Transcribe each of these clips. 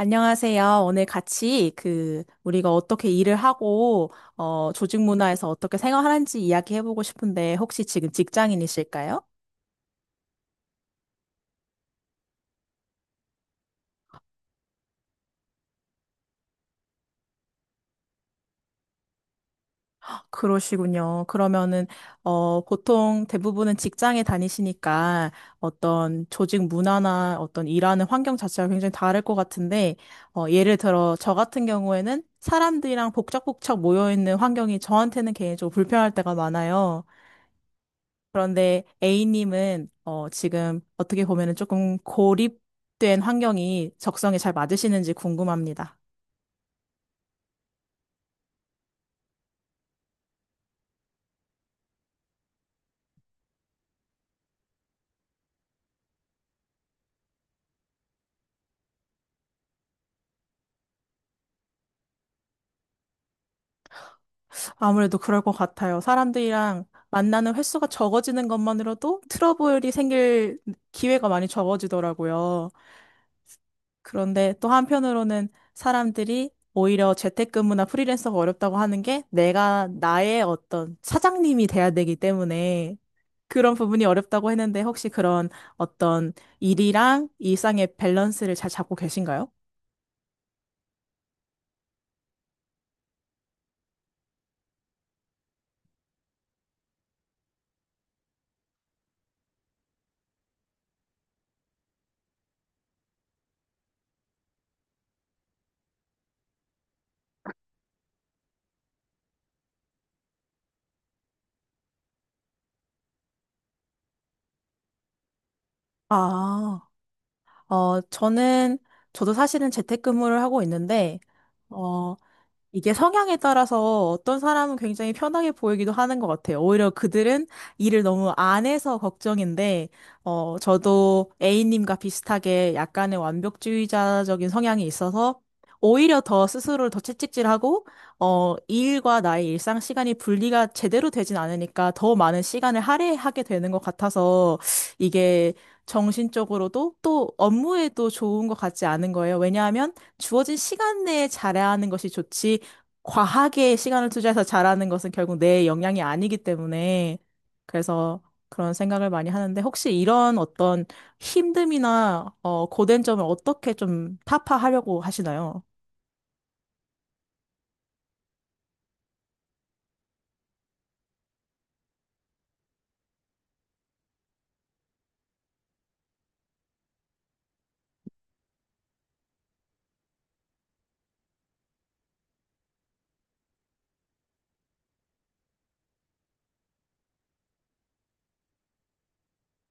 안녕하세요. 오늘 같이 그 우리가 어떻게 일을 하고 조직 문화에서 어떻게 생활하는지 이야기해 보고 싶은데 혹시 지금 직장인이실까요? 그러시군요. 그러면은 보통 대부분은 직장에 다니시니까 어떤 조직 문화나 어떤 일하는 환경 자체가 굉장히 다를 것 같은데 예를 들어 저 같은 경우에는 사람들이랑 복작복작 모여 있는 환경이 저한테는 개인적으로 불편할 때가 많아요. 그런데 A님은 지금 어떻게 보면은 조금 고립된 환경이 적성에 잘 맞으시는지 궁금합니다. 아무래도 그럴 것 같아요. 사람들이랑 만나는 횟수가 적어지는 것만으로도 트러블이 생길 기회가 많이 적어지더라고요. 그런데 또 한편으로는 사람들이 오히려 재택근무나 프리랜서가 어렵다고 하는 게 내가 나의 어떤 사장님이 돼야 되기 때문에 그런 부분이 어렵다고 했는데 혹시 그런 어떤 일이랑 일상의 밸런스를 잘 잡고 계신가요? 아, 어, 저는, 저도 사실은 재택근무를 하고 있는데, 어, 이게 성향에 따라서 어떤 사람은 굉장히 편하게 보이기도 하는 것 같아요. 오히려 그들은 일을 너무 안 해서 걱정인데, 저도 A님과 비슷하게 약간의 완벽주의자적인 성향이 있어서 오히려 더 스스로를 더 채찍질하고, 이 일과 나의 일상 시간이 분리가 제대로 되진 않으니까 더 많은 시간을 할애하게 되는 것 같아서 이게 정신적으로도 또 업무에도 좋은 것 같지 않은 거예요. 왜냐하면 주어진 시간 내에 잘해야 하는 것이 좋지, 과하게 시간을 투자해서 잘하는 것은 결국 내 역량이 아니기 때문에 그래서 그런 생각을 많이 하는데 혹시 이런 어떤 힘듦이나 고된 점을 어떻게 좀 타파하려고 하시나요?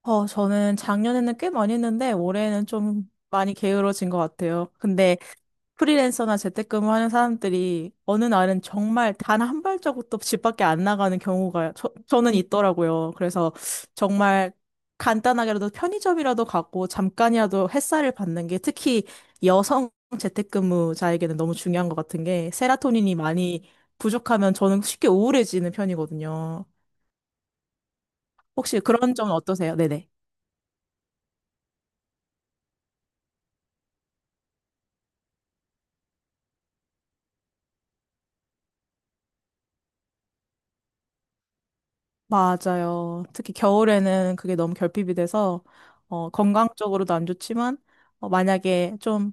저는 작년에는 꽤 많이 했는데 올해는 좀 많이 게으러진 것 같아요. 근데 프리랜서나 재택근무하는 사람들이 어느 날은 정말 단 한 발자국도 집 밖에 안 나가는 경우가 저는 있더라고요. 그래서 정말 간단하게라도 편의점이라도 가고 잠깐이라도 햇살을 받는 게 특히 여성 재택근무자에게는 너무 중요한 것 같은 게 세라토닌이 많이 부족하면 저는 쉽게 우울해지는 편이거든요. 혹시 그런 점은 어떠세요? 네네. 맞아요. 특히 겨울에는 그게 너무 결핍이 돼서 건강적으로도 안 좋지만 만약에 좀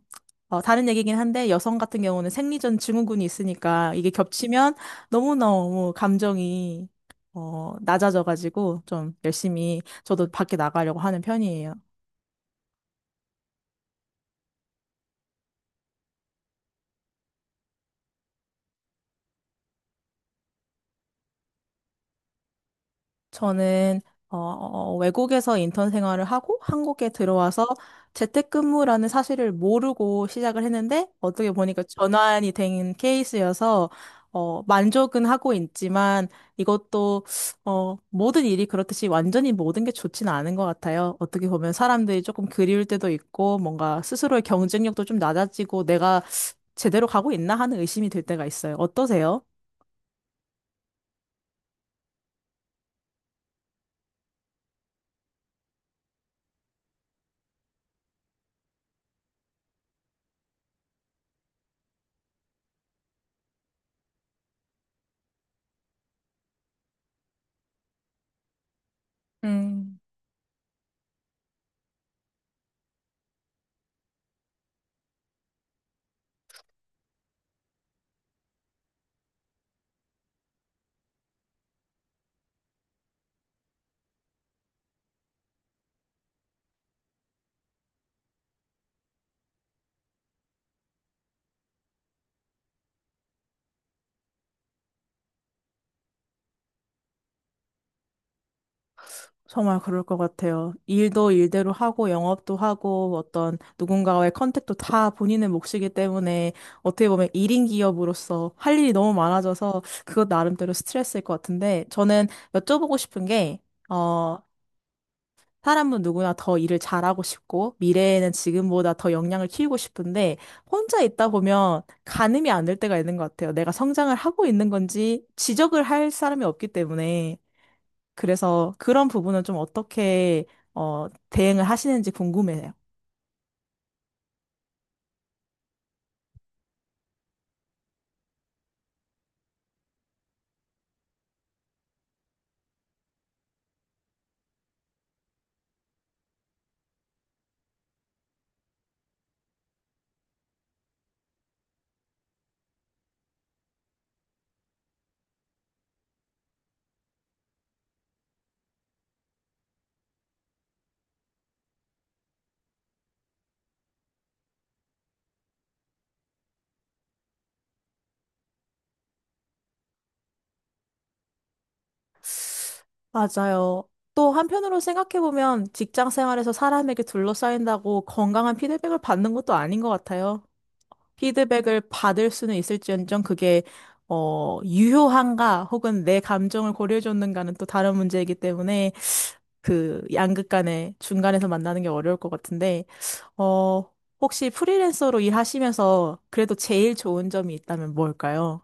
다른 얘기긴 한데 여성 같은 경우는 생리전 증후군이 있으니까 이게 겹치면 너무너무 감정이 낮아져가지고 좀 열심히 저도 밖에 나가려고 하는 편이에요. 저는 외국에서 인턴 생활을 하고 한국에 들어와서 재택근무라는 사실을 모르고 시작을 했는데 어떻게 보니까 전환이 된 케이스여서 만족은 하고 있지만 이것도 모든 일이 그렇듯이 완전히 모든 게 좋지는 않은 것 같아요. 어떻게 보면 사람들이 조금 그리울 때도 있고 뭔가 스스로의 경쟁력도 좀 낮아지고 내가 제대로 가고 있나 하는 의심이 들 때가 있어요. 어떠세요? 음. 정말 그럴 것 같아요. 일도 일대로 하고 영업도 하고 어떤 누군가와의 컨택도 다 본인의 몫이기 때문에 어떻게 보면 1인 기업으로서 할 일이 너무 많아져서 그것 나름대로 스트레스일 것 같은데 저는 여쭤보고 싶은 게, 어, 사람은 누구나 더 일을 잘하고 싶고 미래에는 지금보다 더 역량을 키우고 싶은데 혼자 있다 보면 가늠이 안 될 때가 있는 것 같아요. 내가 성장을 하고 있는 건지 지적을 할 사람이 없기 때문에. 그래서 그런 부분은 좀 어떻게 대응을 하시는지 궁금해요. 맞아요. 또 한편으로 생각해보면 직장 생활에서 사람에게 둘러싸인다고 건강한 피드백을 받는 것도 아닌 것 같아요. 피드백을 받을 수는 있을지언정 그게 유효한가 혹은 내 감정을 고려해줬는가는 또 다른 문제이기 때문에 그 양극 간의 중간에서 만나는 게 어려울 것 같은데 어, 혹시 프리랜서로 일하시면서 그래도 제일 좋은 점이 있다면 뭘까요?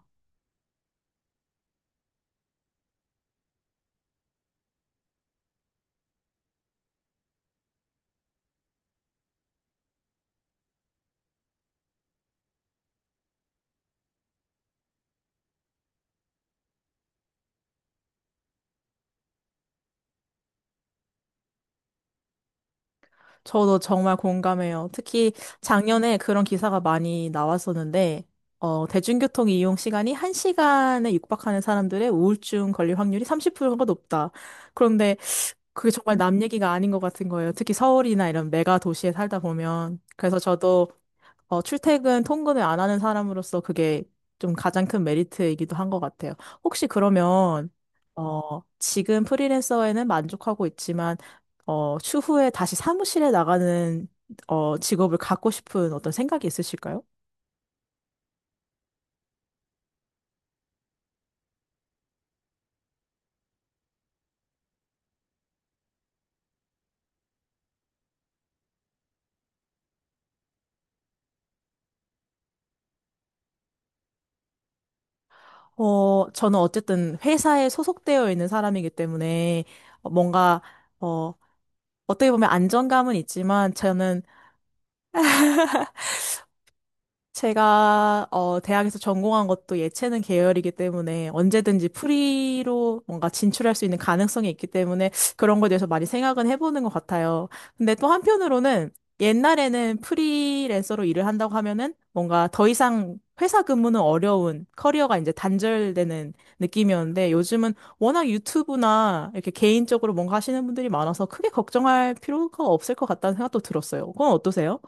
저도 정말 공감해요. 특히 작년에 그런 기사가 많이 나왔었는데, 대중교통 이용 시간이 1시간에 육박하는 사람들의 우울증 걸릴 확률이 30%가 높다. 그런데 그게 정말 남 얘기가 아닌 것 같은 거예요. 특히 서울이나 이런 메가 도시에 살다 보면. 그래서 저도 출퇴근 통근을 안 하는 사람으로서 그게 좀 가장 큰 메리트이기도 한 것 같아요. 혹시 그러면, 지금 프리랜서에는 만족하고 있지만, 추후에 다시 사무실에 나가는, 직업을 갖고 싶은 어떤 생각이 있으실까요? 저는 어쨌든 회사에 소속되어 있는 사람이기 때문에 뭔가, 어, 어떻게 보면 안정감은 있지만 저는 제가 대학에서 전공한 것도 예체능 계열이기 때문에 언제든지 프리로 뭔가 진출할 수 있는 가능성이 있기 때문에 그런 거에 대해서 많이 생각은 해보는 것 같아요. 근데 또 한편으로는 옛날에는 프리랜서로 일을 한다고 하면은 뭔가 더 이상 회사 근무는 어려운 커리어가 이제 단절되는 느낌이었는데 요즘은 워낙 유튜브나 이렇게 개인적으로 뭔가 하시는 분들이 많아서 크게 걱정할 필요가 없을 것 같다는 생각도 들었어요. 그건 어떠세요?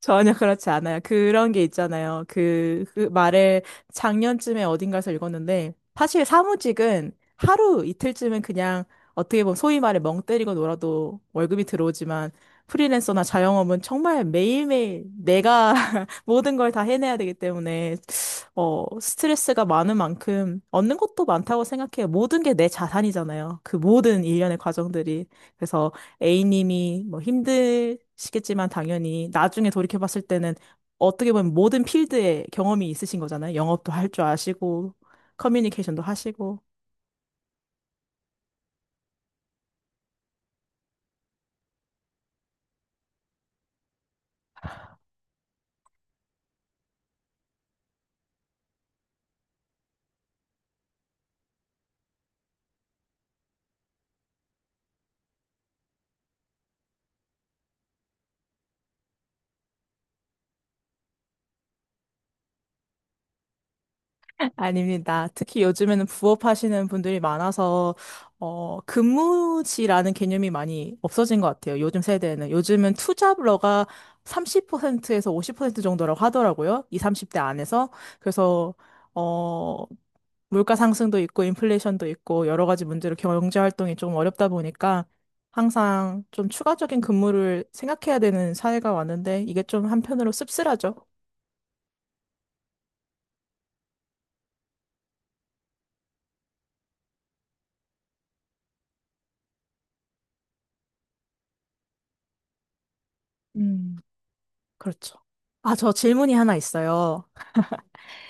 전혀 그렇지 않아요. 그런 게 있잖아요. 그 말을 작년쯤에 어딘가에서 읽었는데, 사실 사무직은 하루 이틀쯤은 그냥 어떻게 보면 소위 말해 멍 때리고 놀아도 월급이 들어오지만, 프리랜서나 자영업은 정말 매일매일 내가 모든 걸 다 해내야 되기 때문에 스트레스가 많은 만큼 얻는 것도 많다고 생각해요. 모든 게 내 자산이잖아요. 그 모든 일련의 과정들이. 그래서 A님이 뭐 힘드시겠지만 당연히 나중에 돌이켜봤을 때는 어떻게 보면 모든 필드에 경험이 있으신 거잖아요. 영업도 할 줄 아시고, 커뮤니케이션도 하시고. 아닙니다. 특히 요즘에는 부업하시는 분들이 많아서, 근무지라는 개념이 많이 없어진 것 같아요. 요즘 세대에는. 요즘은 투잡러가 30%에서 50% 정도라고 하더라고요. 이 30대 안에서. 그래서, 어, 물가 상승도 있고, 인플레이션도 있고, 여러 가지 문제로 경제 활동이 좀 어렵다 보니까, 항상 좀 추가적인 근무를 생각해야 되는 사회가 왔는데 이게 좀 한편으로 씁쓸하죠. 음, 그렇죠. 아, 저 질문이 하나 있어요.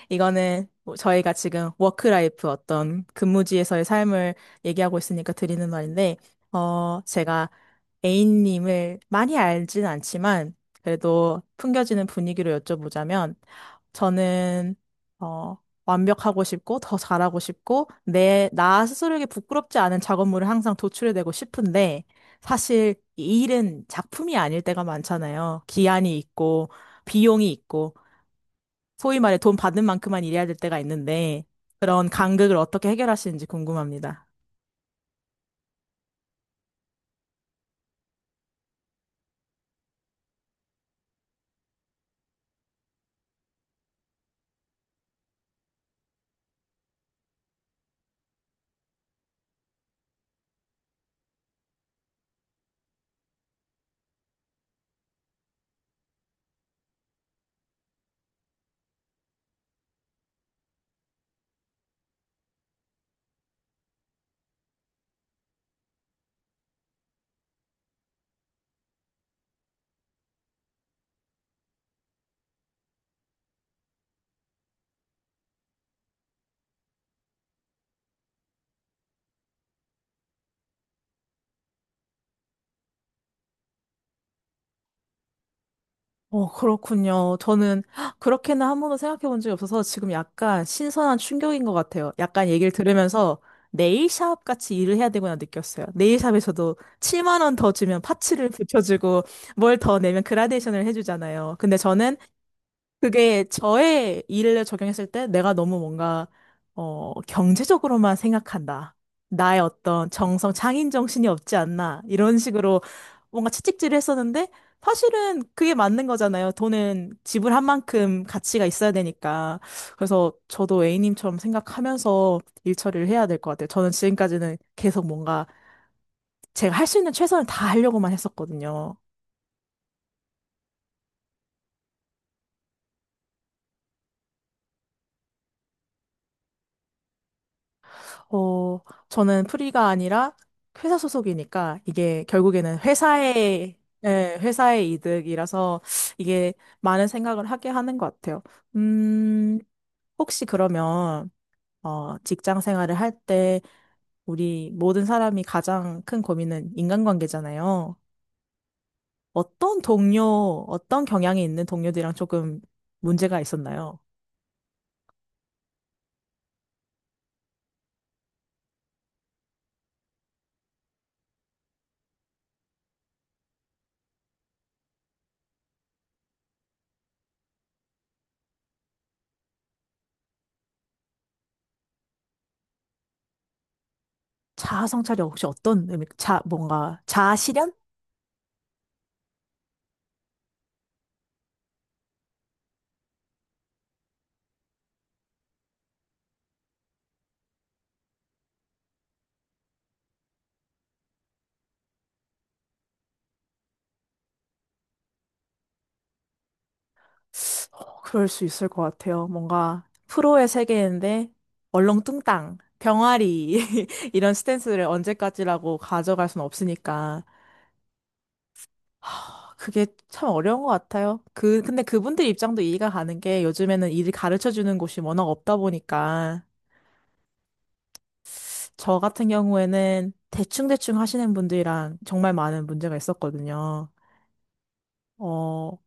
이거는 뭐 저희가 지금 워크라이프 어떤 근무지에서의 삶을 얘기하고 있으니까 드리는 말인데, 제가 A님을 많이 알진 않지만, 그래도 풍겨지는 분위기로 여쭤보자면, 저는, 어, 완벽하고 싶고, 더 잘하고 싶고, 나 스스로에게 부끄럽지 않은 작업물을 항상 도출해내고 싶은데, 사실 이 일은 작품이 아닐 때가 많잖아요. 기한이 있고, 비용이 있고, 소위 말해 돈 받는 만큼만 일해야 될 때가 있는데 그런 간극을 어떻게 해결하시는지 궁금합니다. 그렇군요. 저는 그렇게는 한 번도 생각해 본 적이 없어서 지금 약간 신선한 충격인 것 같아요. 약간 얘기를 들으면서 네일샵 같이 일을 해야 되구나 느꼈어요. 네일샵에서도 7만 원 더 주면 파츠를 붙여주고 뭘 더 내면 그라데이션을 해주잖아요. 근데 저는 그게 저의 일을 적용했을 때 내가 너무 뭔가, 경제적으로만 생각한다. 나의 어떤 정성, 장인 정신이 없지 않나. 이런 식으로 뭔가 채찍질을 했었는데, 사실은 그게 맞는 거잖아요. 돈은 지불한 만큼 가치가 있어야 되니까. 그래서 저도 A님처럼 생각하면서 일 처리를 해야 될 것 같아요. 저는 지금까지는 계속 뭔가 제가 할 수 있는 최선을 다 하려고만 했었거든요. 어, 저는 프리가 아니라 회사 소속이니까 이게 결국에는 회사의, 예, 회사의 이득이라서 이게 많은 생각을 하게 하는 것 같아요. 음, 혹시 그러면, 직장 생활을 할 때 우리 모든 사람이 가장 큰 고민은 인간관계잖아요. 어떤 동료, 어떤 경향이 있는 동료들이랑 조금 문제가 있었나요? 자아 성찰이 혹시 어떤 의미, 자, 뭔가, 자아 실현? 그럴 수 있을 것 같아요. 뭔가 프로의 세계인데 얼렁뚱땅, 병아리 이런 스탠스를 언제까지라고 가져갈 순 없으니까 하, 그게 참 어려운 것 같아요. 그 근데 그분들 입장도 이해가 가는 게 요즘에는 일을 가르쳐 주는 곳이 워낙 없다 보니까 저 같은 경우에는 대충대충 하시는 분들이랑 정말 많은 문제가 있었거든요. 어,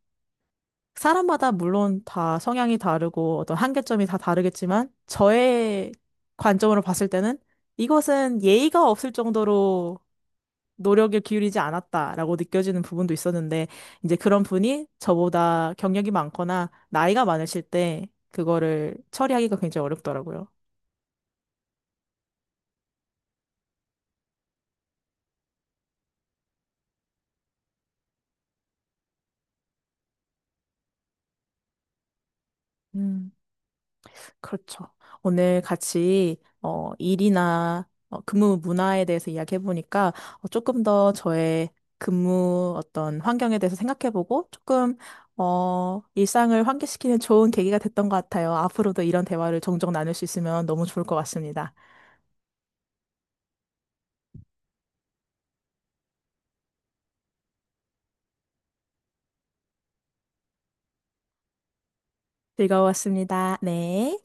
사람마다 물론 다 성향이 다르고 어떤 한계점이 다 다르겠지만 저의 관점으로 봤을 때는 이것은 예의가 없을 정도로 노력을 기울이지 않았다라고 느껴지는 부분도 있었는데 이제 그런 분이 저보다 경력이 많거나 나이가 많으실 때 그거를 처리하기가 굉장히 어렵더라고요. 음. 그렇죠. 오늘 같이 일이나 근무 문화에 대해서 이야기해보니까 조금 더 저의 근무 어떤 환경에 대해서 생각해보고 조금 일상을 환기시키는 좋은 계기가 됐던 것 같아요. 앞으로도 이런 대화를 종종 나눌 수 있으면 너무 좋을 것 같습니다. 즐거웠습니다. 네.